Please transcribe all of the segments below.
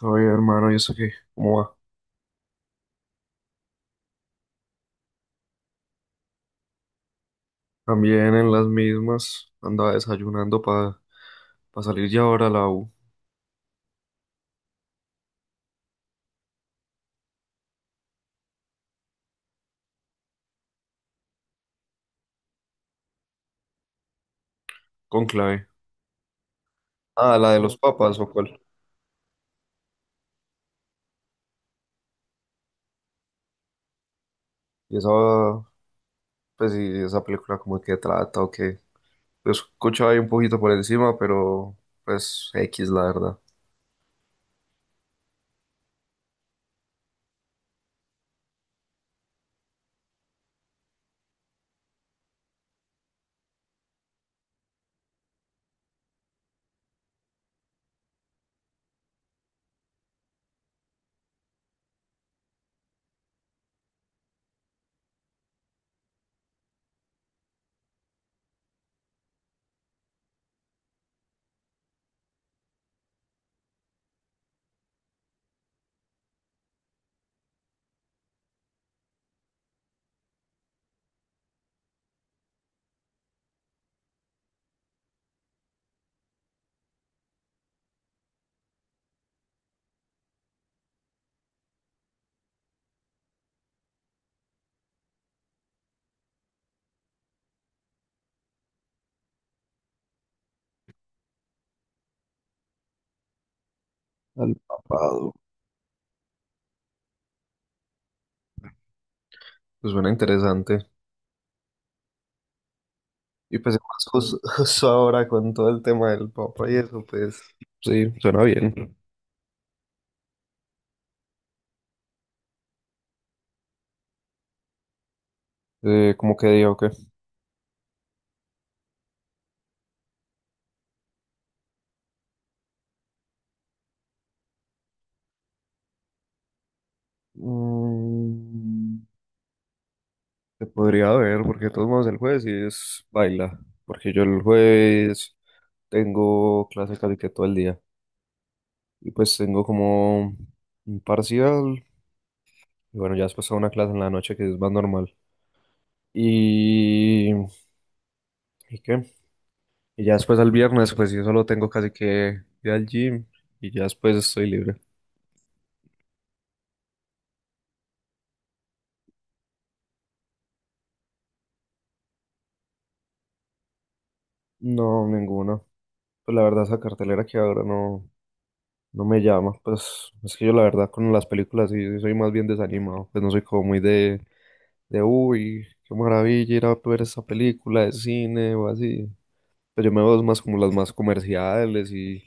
Oye, hermano, ¿y eso qué? ¿Cómo va? También en las mismas andaba desayunando para salir ya ahora a la U con clave. Ah, la de los Oh, papas o cuál. Y esa, pues sí, esa película como que trata o qué. Lo escuchaba ahí un poquito por encima, pero pues X, la verdad. Al papado. Pues suena interesante. Y pues más justo ahora con todo el tema del papa y eso, pues sí, suena bien. ¿Cómo que digo qué? Mm. Se podría ver, porque de todos modos el jueves sí es baila, porque yo el jueves tengo clase casi que todo el día y pues tengo como un parcial y bueno, ya después hago una clase en la noche que es más normal. Y, ¿Y qué? Y ya después al viernes pues yo solo tengo casi que ir al gym y ya después estoy libre. No, ninguna. Pues la verdad esa cartelera que ahora no, no me llama, pues es que yo la verdad con las películas sí sí soy más bien desanimado, pues no soy como muy de uy, qué maravilla ir a ver esa película de cine o así. Pero yo me veo más como las más comerciales y,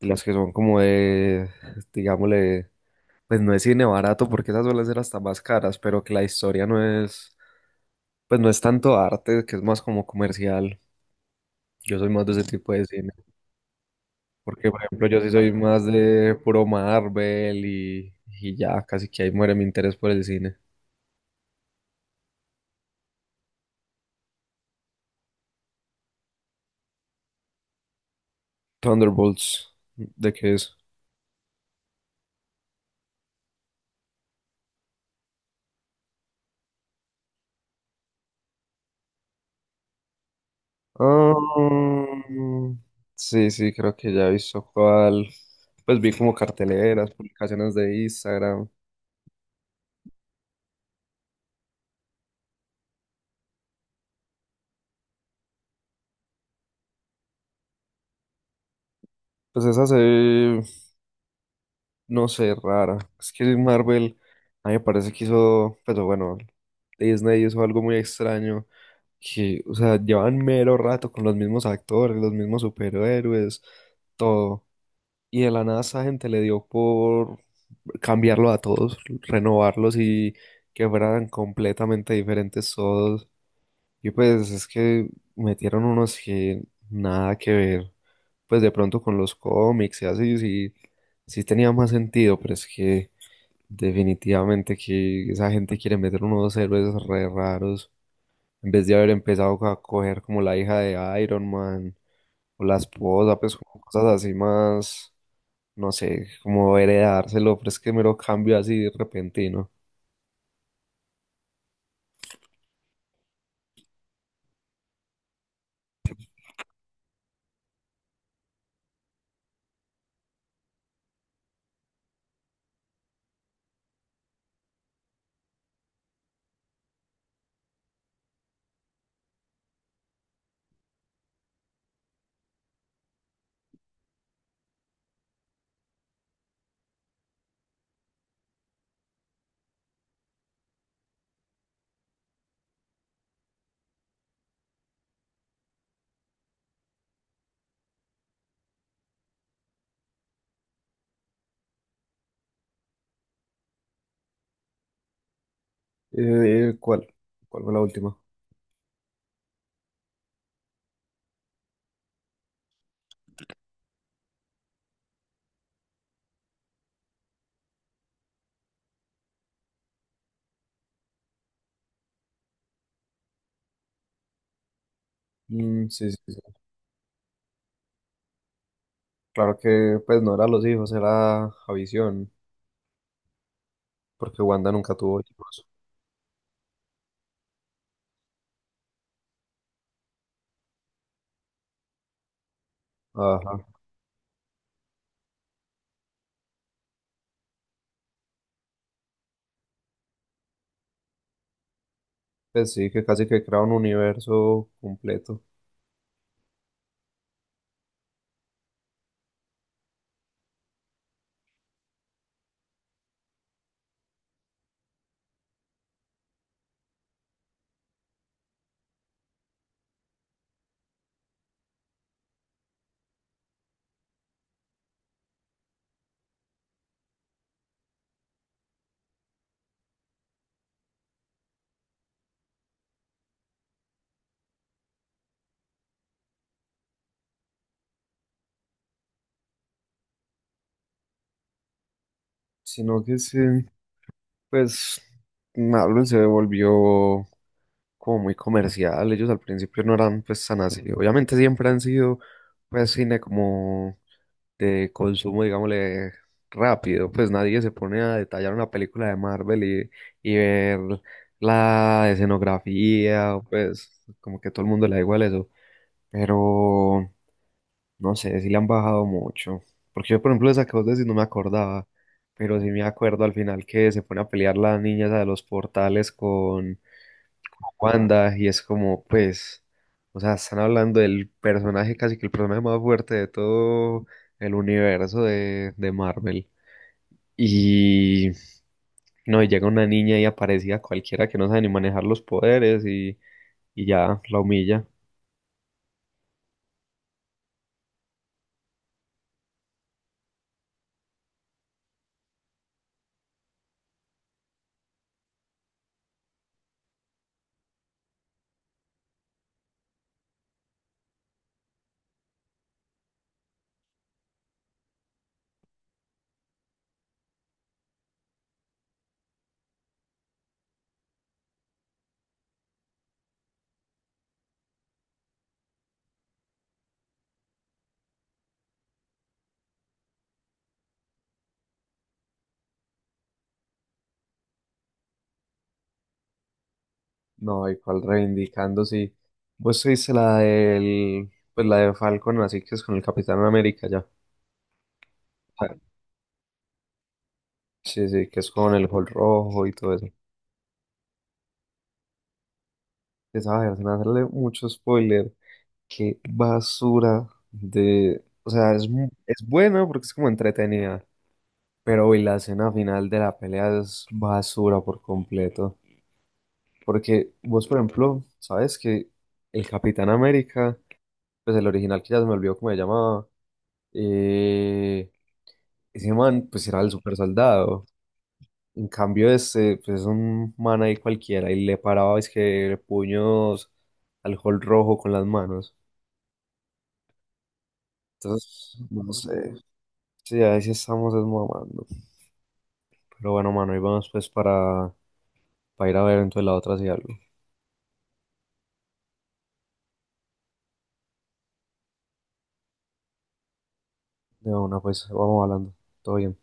y las que son como de, digámosle, pues no es cine barato porque esas suelen ser hasta más caras, pero que la historia no es, pues no es tanto arte, que es más como comercial. Yo soy más de ese tipo de cine, porque por ejemplo yo sí soy más de puro Marvel y ya casi que ahí muere mi interés por el cine. Thunderbolts, ¿de qué es? Ah, sí, sí, creo que ya he visto cuál. Pues vi como carteleras, publicaciones de Instagram. Pues esa se ve, no sé, rara. Es que Marvel, a mí me parece que hizo, pero bueno, Disney hizo algo muy extraño. Que, o sea, llevan mero rato con los mismos actores, los mismos superhéroes, todo. Y de la nada esa gente le dio por cambiarlo a todos, renovarlos y que fueran completamente diferentes todos. Y pues es que metieron unos que nada que ver, pues de pronto con los cómics y así, sí, sí tenía más sentido, pero es que definitivamente que esa gente quiere meter unos héroes re raros, en vez de haber empezado a coger como la hija de Iron Man o la esposa, pues como cosas así más, no sé, como heredárselo, pero es que mero cambio así repentino. ¿Cuál? ¿Cuál fue la última? Mm, sí, sí, sí. Claro que pues no era los hijos, era Javisión, porque Wanda nunca tuvo hijos. Ajá. Pues sí, que casi que crea un universo completo. Sino que sí, pues Marvel se volvió como muy comercial. Ellos al principio no eran pues tan así. Obviamente siempre han sido pues cine como de consumo, digámosle, rápido. Pues nadie se pone a detallar una película de Marvel y ver la escenografía, pues como que a todo el mundo le da igual eso. Pero no sé, si le han bajado mucho. Porque yo, por ejemplo, esa que vos decís no me acordaba, pero sí me acuerdo al final que se pone a pelear la niña esa de los portales con, Wanda, y es como, pues, o sea, están hablando del personaje, casi que el personaje más fuerte de todo el universo de Marvel. Y no, y llega una niña y aparecía cualquiera que no sabe ni manejar los poderes y ya la humilla. No, y cual reivindicando, sí. Vos viste la del, pues la de Falcon, así que es con el Capitán América ya. Ah, sí, sí, que es con el Hulk rojo y todo eso. Esa vaina, se me hacerle mucho spoiler. Qué basura de... O sea, es buena porque es como entretenida, pero hoy la escena final de la pelea es basura por completo. Porque vos, por ejemplo, sabes que el Capitán América, pues el original que ya se me olvidó cómo se llamaba, eh, ese man pues era el super soldado. En cambio este, pues es un man ahí cualquiera y le paraba es que puños al Hulk rojo con las manos. Entonces, no sé. Sí, ahí sí estamos desmamando. Pero bueno, mano, y vamos pues para, ir a ver entonces la otra si algo. De una, pues vamos hablando. Todo bien.